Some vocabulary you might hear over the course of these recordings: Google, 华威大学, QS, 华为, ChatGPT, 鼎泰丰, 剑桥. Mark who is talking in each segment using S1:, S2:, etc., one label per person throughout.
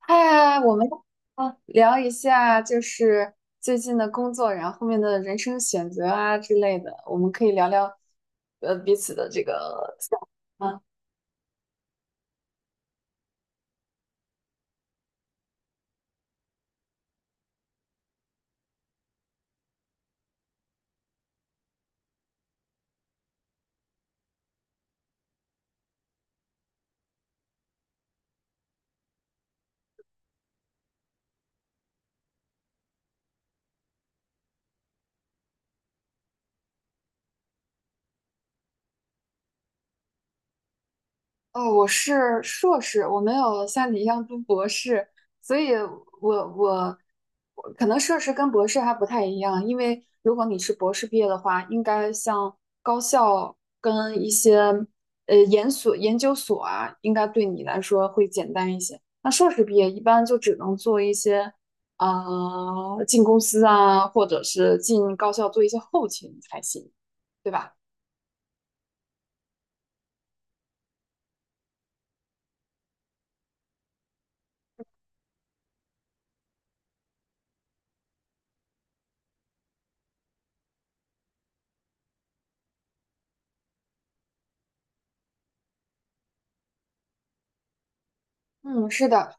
S1: 嗨，我们聊一下，最近的工作，然后后面的人生选择啊之类的，我们可以聊聊彼此的这个想法。哦，我是硕士，我没有像你一样读博士，所以我我我可能硕士跟博士还不太一样，因为如果你是博士毕业的话，应该像高校跟一些研所、研究所啊，应该对你来说会简单一些。那硕士毕业一般就只能做一些啊、进公司啊，或者是进高校做一些后勤才行，对吧？嗯，是的。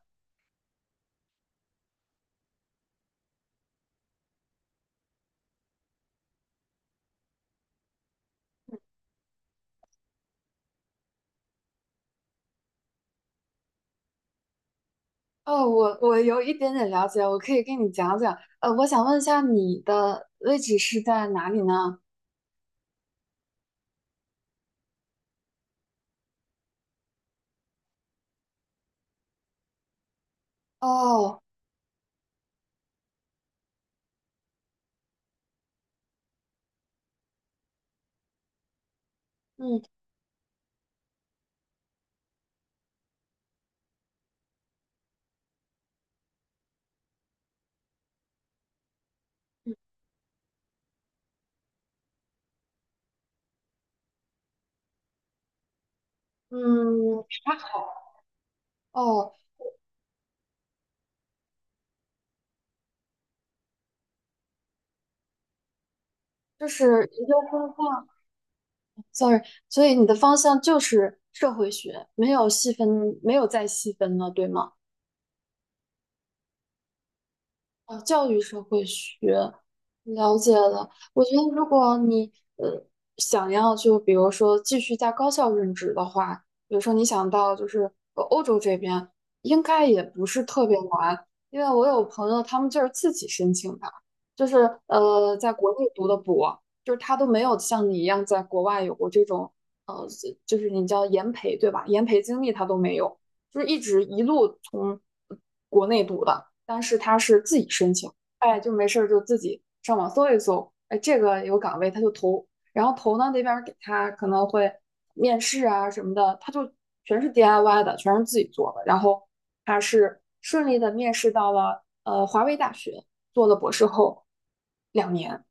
S1: 哦，我有一点点了解，我可以跟你讲讲。呃，我想问一下你的位置是在哪里呢？哦，嗯嗯，还好。哦，就是研究方向，sorry，所以你的方向就是社会学，没有细分，没有再细分了，对吗？呃教育社会学，了解了。我觉得如果你呃想要就比如说继续在高校任职的话，比如说你想到就是呃欧洲这边，应该也不是特别难，因为我有朋友他们就是自己申请的，就是呃在国内读的博，就是他都没有像你一样在国外有过这种呃就是你叫研培对吧？研培经历他都没有，就是一直一路从国内读的。但是他是自己申请，哎，就没事儿就自己上网搜一搜，哎，这个有岗位他就投，然后投呢那边给他可能会面试啊什么的，他就全是 DIY 的，全是自己做的，然后他是顺利的面试到了呃华为大学，做了博士后两年。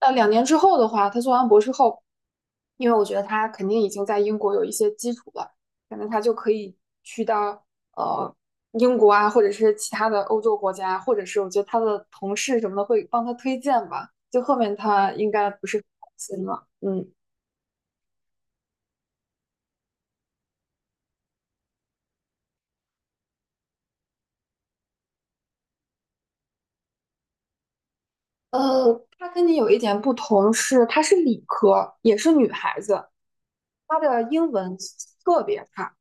S1: 呃，两年之后的话，他做完博士后，因为我觉得他肯定已经在英国有一些基础了，可能他就可以去到呃英国啊，或者是其他的欧洲国家，或者是我觉得他的同事什么的会帮他推荐吧。就后面他应该不是很担心了，嗯。呃，她跟你有一点不同是，她是理科，也是女孩子，她的英文特别差，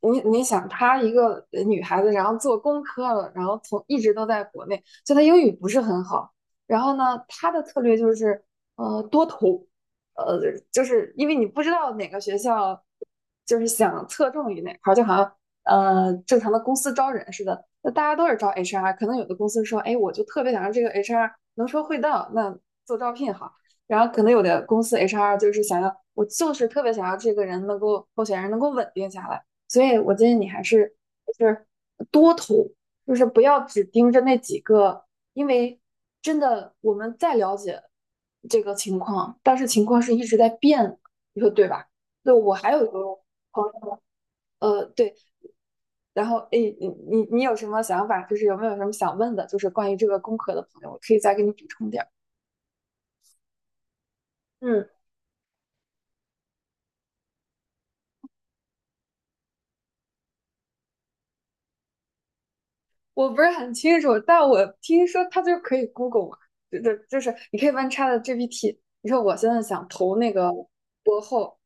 S1: 你想，她一个呃女孩子，然后做工科了，然后从一直都在国内，就她英语不是很好。然后呢，她的策略就是多投，呃就是因为你不知道哪个学校就是想侧重于哪块儿，就好像正常的公司招人似的，那大家都是招 HR，可能有的公司说，哎，我就特别想让这个 HR 能说会道，那做招聘好。然后可能有的公司 HR 就是想要，我就是特别想要这个人能够候选人能够稳定下来，所以我建议你还是就是多投，就是不要只盯着那几个，因为真的我们再了解这个情况，但是情况是一直在变的，你说对吧？对，我还有一个朋友，呃，对，然后诶，你有什么想法？就是有没有什么想问的？就是关于这个工科的朋友，我可以再给你补充点儿。嗯，我不是很清楚，但我听说它就可以 Google 嘛，就是你可以问 ChatGPT，你说我现在想投那个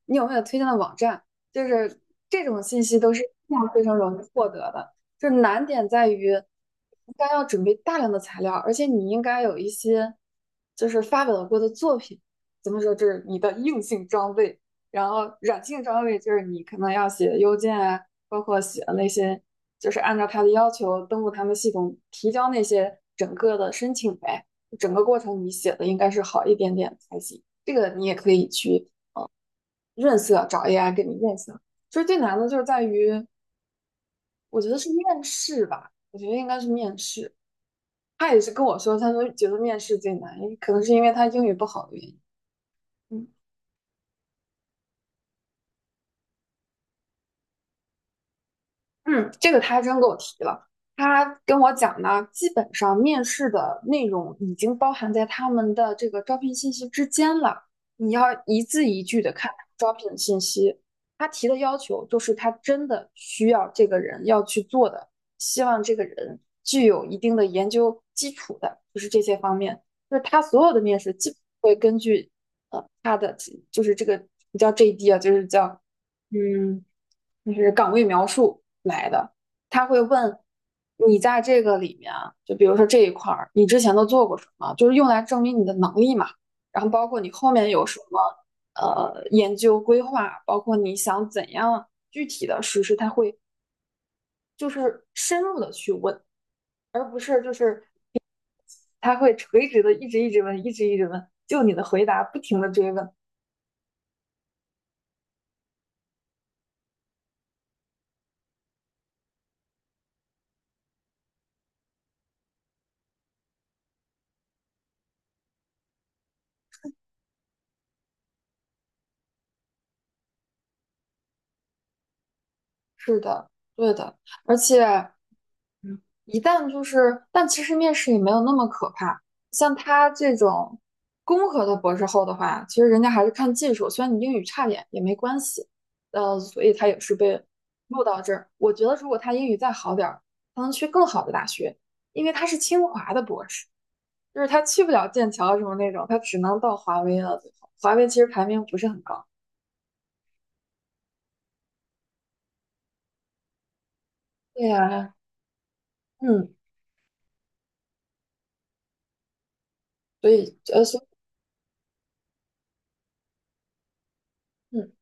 S1: 你有没有推荐的网站？就是这种信息都是非常非常容易获得的，就是难点在于，应该要准备大量的材料，而且你应该有一些就是发表过的作品。怎么说？就是你的硬性装备，然后软性装备就是你可能要写邮件啊，包括写的那些就是按照他的要求登录他们系统提交那些整个的申请呗。整个过程你写的应该是好一点点才行。这个你也可以去润色，找 AI 给你润色。其实最难的就是在于，我觉得是面试吧，我觉得应该是面试。他也是跟我说，他说觉得面试最难，可能是因为他英语不好的原因。嗯嗯，这个他还真给我提了。他跟我讲呢，基本上面试的内容已经包含在他们的这个招聘信息之间了。你要一字一句的看招聘信息。他提的要求就是他真的需要这个人要去做的，希望这个人具有一定的研究基础的，就是这些方面。就是他所有的面试基本会根据他的就是这个不叫 JD 啊，就是叫嗯，岗位描述来的。他会问你在这个里面啊，就比如说这一块儿，你之前都做过什么，就是用来证明你的能力嘛。然后包括你后面有什么研究规划，包括你想怎样具体的实施，他会就是深入的去问，而不是他会垂直的一直问，一直问，就你的回答不停的追问。是的，对的，而且，一旦就是，但其实面试也没有那么可怕。像他这种工科的博士后的话，其实人家还是看技术，虽然你英语差点也没关系，呃，所以他也是被录到这儿。我觉得如果他英语再好点儿，他能去更好的大学，因为他是清华的博士，就是他去不了剑桥啊什么那种，他只能到华为了。最后，华为其实排名不是很高。对呀，嗯，所以嗯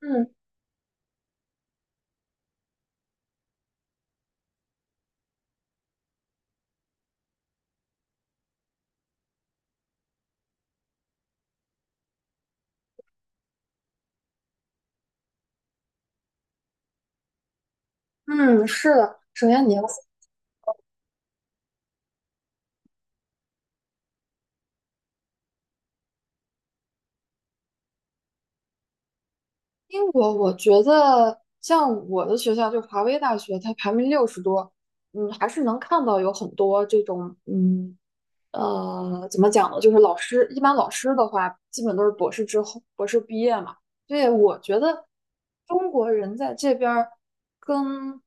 S1: 嗯嗯，是的，首先你要。英国，我觉得像我的学校，就华威大学，它排名60多，嗯，还是能看到有很多这种，嗯，呃，怎么讲呢？就是老师，一般老师的话，基本都是博士之后，博士毕业嘛。所以我觉得中国人在这边儿跟，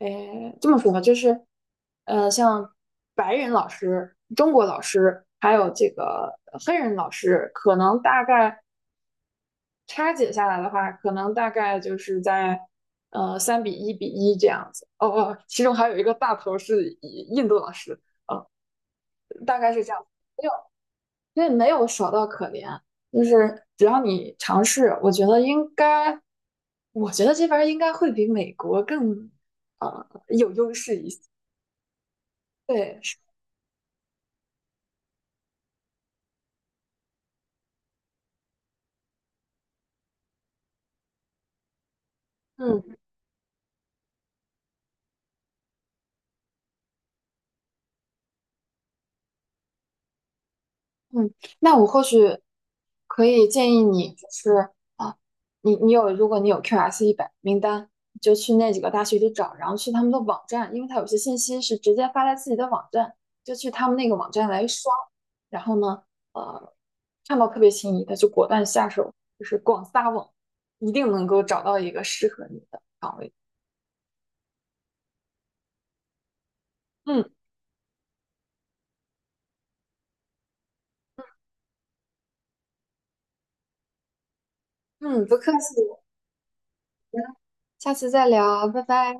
S1: 诶，这么说吧，就是，呃，像白人老师、中国老师，还有这个黑人老师，可能大概。拆解下来的话，可能大概就是在3:1:1这样子。哦哦，其中还有一个大头是印度老师，大概是这样。没有，因为没有少到可怜，就是只要你尝试，我觉得应该，我觉得这边儿应该会比美国更有优势一些。对，是嗯。嗯，那我或许可以建议你，就是啊，你有，如果你有 QS 100名单，就去那几个大学里找，然后去他们的网站，因为它有些信息是直接发在自己的网站，就去他们那个网站来刷，然后呢，呃，看到特别心仪的就果断下手，就是广撒网，一定能够找到一个适合你的岗位。嗯嗯，不客气，嗯下次再聊，拜拜。